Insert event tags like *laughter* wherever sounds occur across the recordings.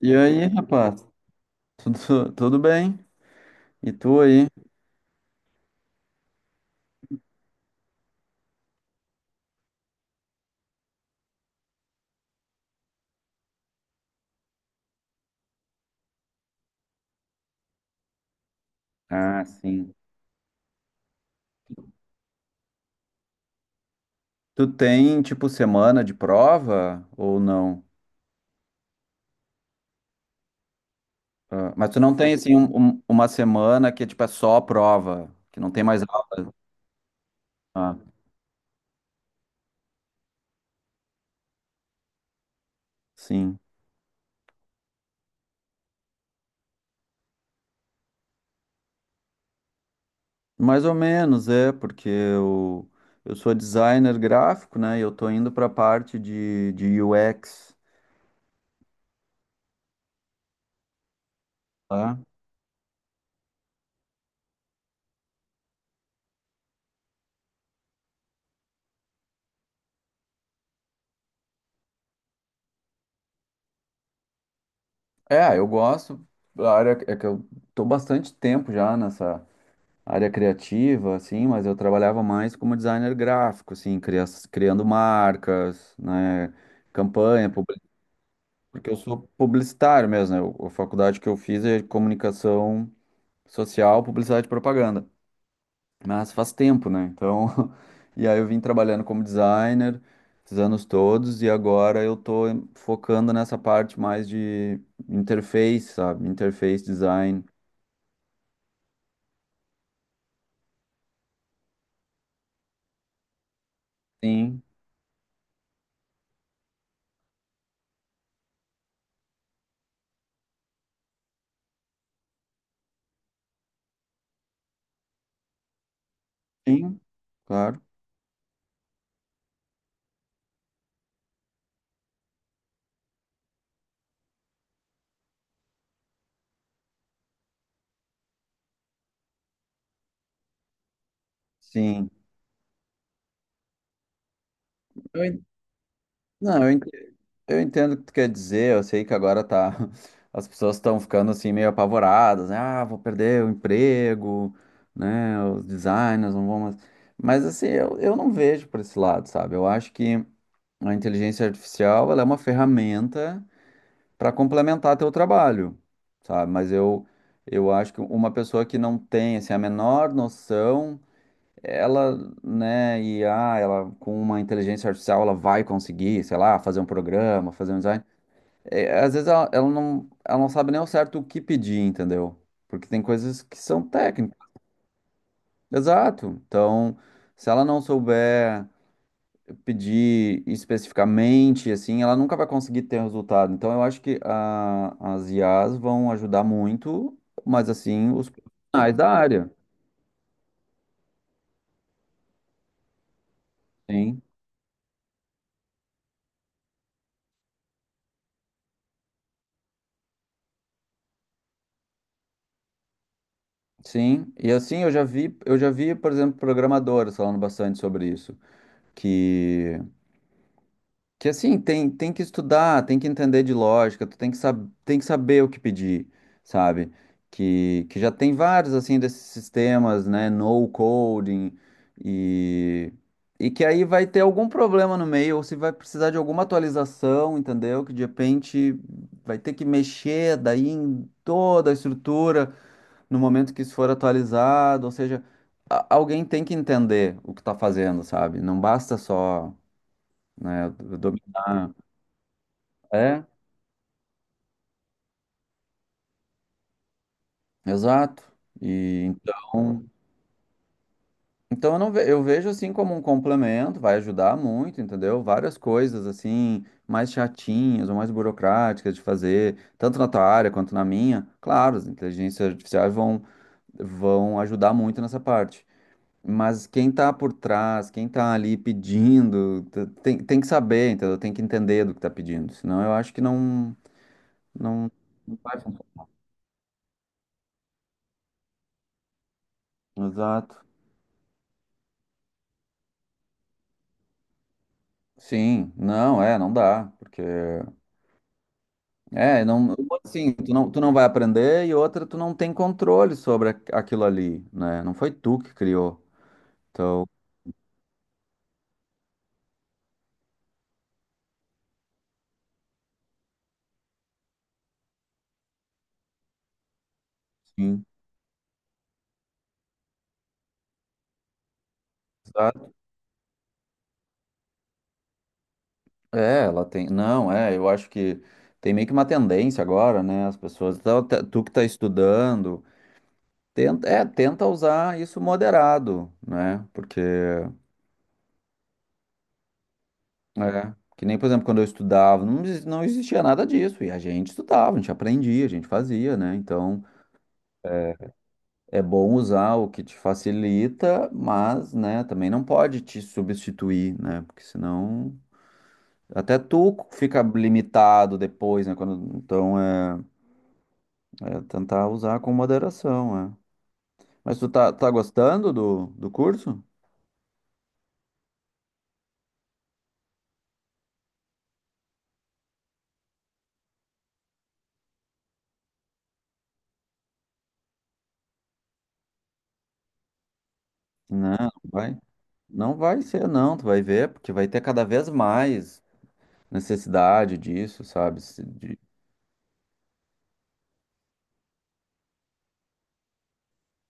E aí, rapaz? Tudo bem? E tu aí? Ah, sim. Tu tem, tipo, semana de prova ou não? Ah, mas tu não tem, assim, uma semana que é, tipo, é só prova, que não tem mais aula? Ah, sim. Mais ou menos, é, porque eu sou designer gráfico, né? E eu tô indo pra parte de UX, tá? É, eu gosto da área, é que eu tô bastante tempo já nessa área criativa, assim, mas eu trabalhava mais como designer gráfico, assim, criando marcas, né, campanha, publi- porque eu sou publicitário mesmo, né, a faculdade que eu fiz é comunicação social, publicidade e propaganda, mas faz tempo, né, então, *laughs* e aí eu vim trabalhando como designer esses anos todos e agora eu tô focando nessa parte mais de interface, sabe, interface design. Sim, sim, claro, sim. Eu en- Não. Eu entendo o que tu quer dizer, eu sei que agora tá. *laughs* As pessoas estão ficando assim meio apavoradas, né? Ah, vou perder o emprego, né? Os designers não vão mais. Mas assim, eu não vejo por esse lado, sabe? Eu acho que a inteligência artificial ela é uma ferramenta para complementar teu trabalho, sabe? Mas eu acho que uma pessoa que não tem assim, a menor noção, ela, né, e ela com uma inteligência artificial ela vai conseguir, sei lá, fazer um programa, fazer um design. É, às vezes ela não, ela não sabe nem ao certo o que pedir, entendeu? Porque tem coisas que são técnicas. Exato. Então, se ela não souber pedir especificamente, assim, ela nunca vai conseguir ter resultado. Então, eu acho que as IAs vão ajudar muito, mas assim, os profissionais da área. Sim. Sim. E assim, eu já vi, por exemplo, programadores falando bastante sobre isso. Que Que assim, tem, tem que estudar, tem que entender de lógica, tu tem que, sab tem que saber o que pedir, sabe? Que já tem vários, assim, desses sistemas, né? No coding e, e que aí vai ter algum problema no meio, ou se vai precisar de alguma atualização, entendeu? Que de repente vai ter que mexer daí em toda a estrutura no momento que isso for atualizado, ou seja, alguém tem que entender o que tá fazendo, sabe? Não basta só, né, dominar. É, exato. E então, então eu não ve- eu vejo assim como um complemento, vai ajudar muito, entendeu? Várias coisas assim, mais chatinhas ou mais burocráticas de fazer, tanto na tua área quanto na minha. Claro, as inteligências artificiais vão ajudar muito nessa parte. Mas quem tá por trás, quem tá ali pedindo, tem que saber, entendeu? Tem que entender do que tá pedindo, senão eu acho que não, não vai funcionar. Exato. Sim, não, é, não dá, porque é, não, uma, assim, tu não vai aprender e outra, tu não tem controle sobre aquilo ali, né? Não foi tu que criou. Então, sim, exato. É, ela tem, não, é, eu acho que tem meio que uma tendência agora, né? As pessoas, então, tu que tá estudando, tenta, é, tenta usar isso moderado, né? Porque é, que nem, por exemplo, quando eu estudava, não, não existia nada disso, e a gente estudava, a gente aprendia, a gente fazia, né? Então, é, É bom usar o que te facilita, mas, né, também não pode te substituir, né? Porque senão até tu fica limitado depois, né? Quando, então é, é tentar usar com moderação, é. Mas tu tá gostando do, do curso? Não, não vai. Não vai ser, não, tu vai ver, porque vai ter cada vez mais necessidade disso, sabe?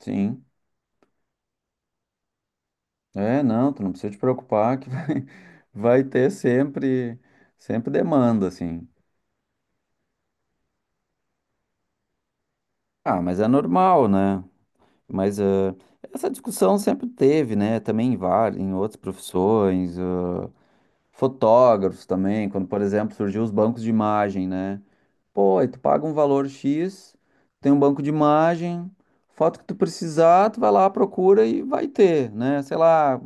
Sim. É, não, tu não precisa te preocupar que vai, *laughs* vai ter sempre, sempre demanda, assim. Ah, mas é normal, né? Mas ah, essa discussão sempre teve, né? Também em várias, em outras profissões, ah, fotógrafos também, quando, por exemplo, surgiu os bancos de imagem, né? Pô, aí tu paga um valor X, tem um banco de imagem, foto que tu precisar, tu vai lá, procura e vai ter, né? Sei lá,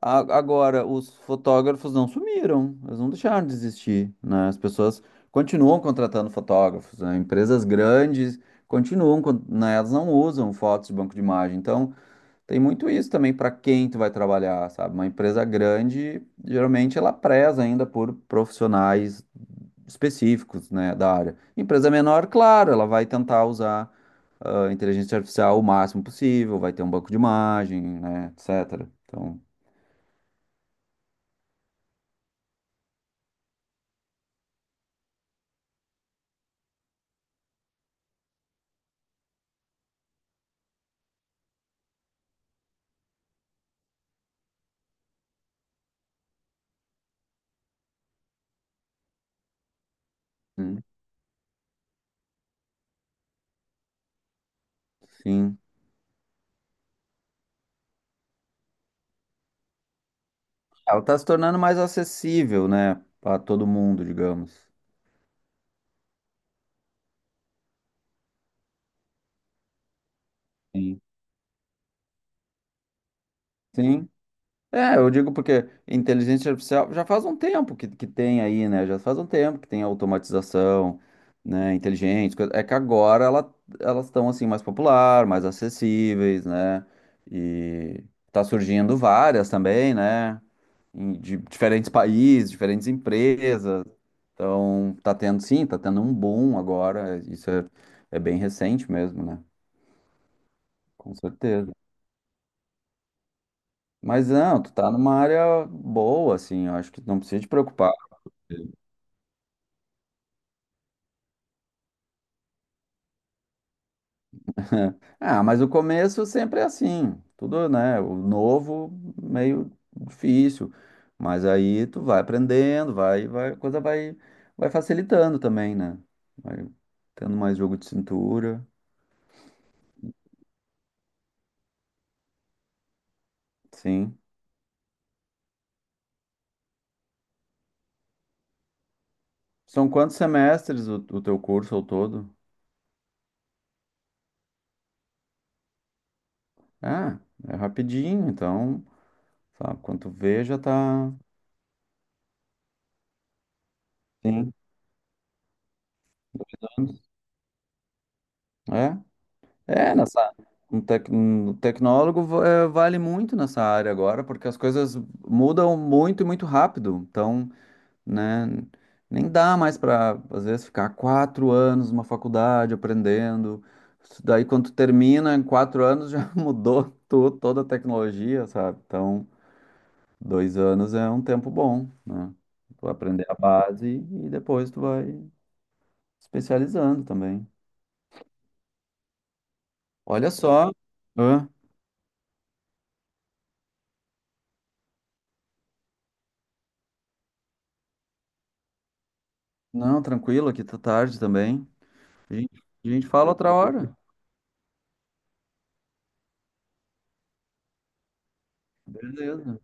agora, os fotógrafos não sumiram, eles não deixaram de existir, né? As pessoas continuam contratando fotógrafos, né? Empresas grandes continuam, né? Elas não usam fotos de banco de imagem. Então, tem muito isso também para quem tu vai trabalhar, sabe? Uma empresa grande, geralmente ela preza ainda por profissionais específicos, né, da área. Empresa menor, claro, ela vai tentar usar a inteligência artificial o máximo possível, vai ter um banco de imagem, né, etc. Então, sim. Ela está se tornando mais acessível, né, para todo mundo, digamos. Sim. Sim. É, eu digo porque inteligência artificial já faz um tempo que tem aí, né? Já faz um tempo que tem automatização, né, inteligente. É que agora ela, elas estão assim mais popular, mais acessíveis, né? E tá surgindo várias também, né? De diferentes países, diferentes empresas. Então, tá tendo, sim, tá tendo um boom agora. Isso é, é bem recente mesmo, né? Com certeza. Mas não, tu tá numa área boa, assim, eu acho que não precisa te preocupar. *laughs* Ah, mas o começo sempre é assim, tudo, né? O novo, meio difícil, mas aí tu vai aprendendo, vai, vai, a coisa vai, vai facilitando também, né? Vai tendo mais jogo de cintura, sim. São quantos semestres o teu curso ao todo? Ah, é rapidinho, então, sabe, quando tu vê já tá. Sim. É? É, nessa. Um tecnólogo é, vale muito nessa área agora, porque as coisas mudam muito e muito rápido. Então, né, nem dá mais para, às vezes, ficar 4 anos numa faculdade aprendendo. Isso daí, quando tu termina, em 4 anos já *laughs* mudou toda a tecnologia, sabe? Então. 2 anos é um tempo bom, né? Tu vai aprender a base e depois tu vai especializando também. Olha só. Hã? Não, tranquilo, aqui tá tarde também. A gente fala outra hora. Beleza.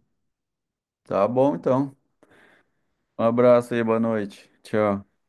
Tá bom, então. Um abraço aí, boa noite. Tchau.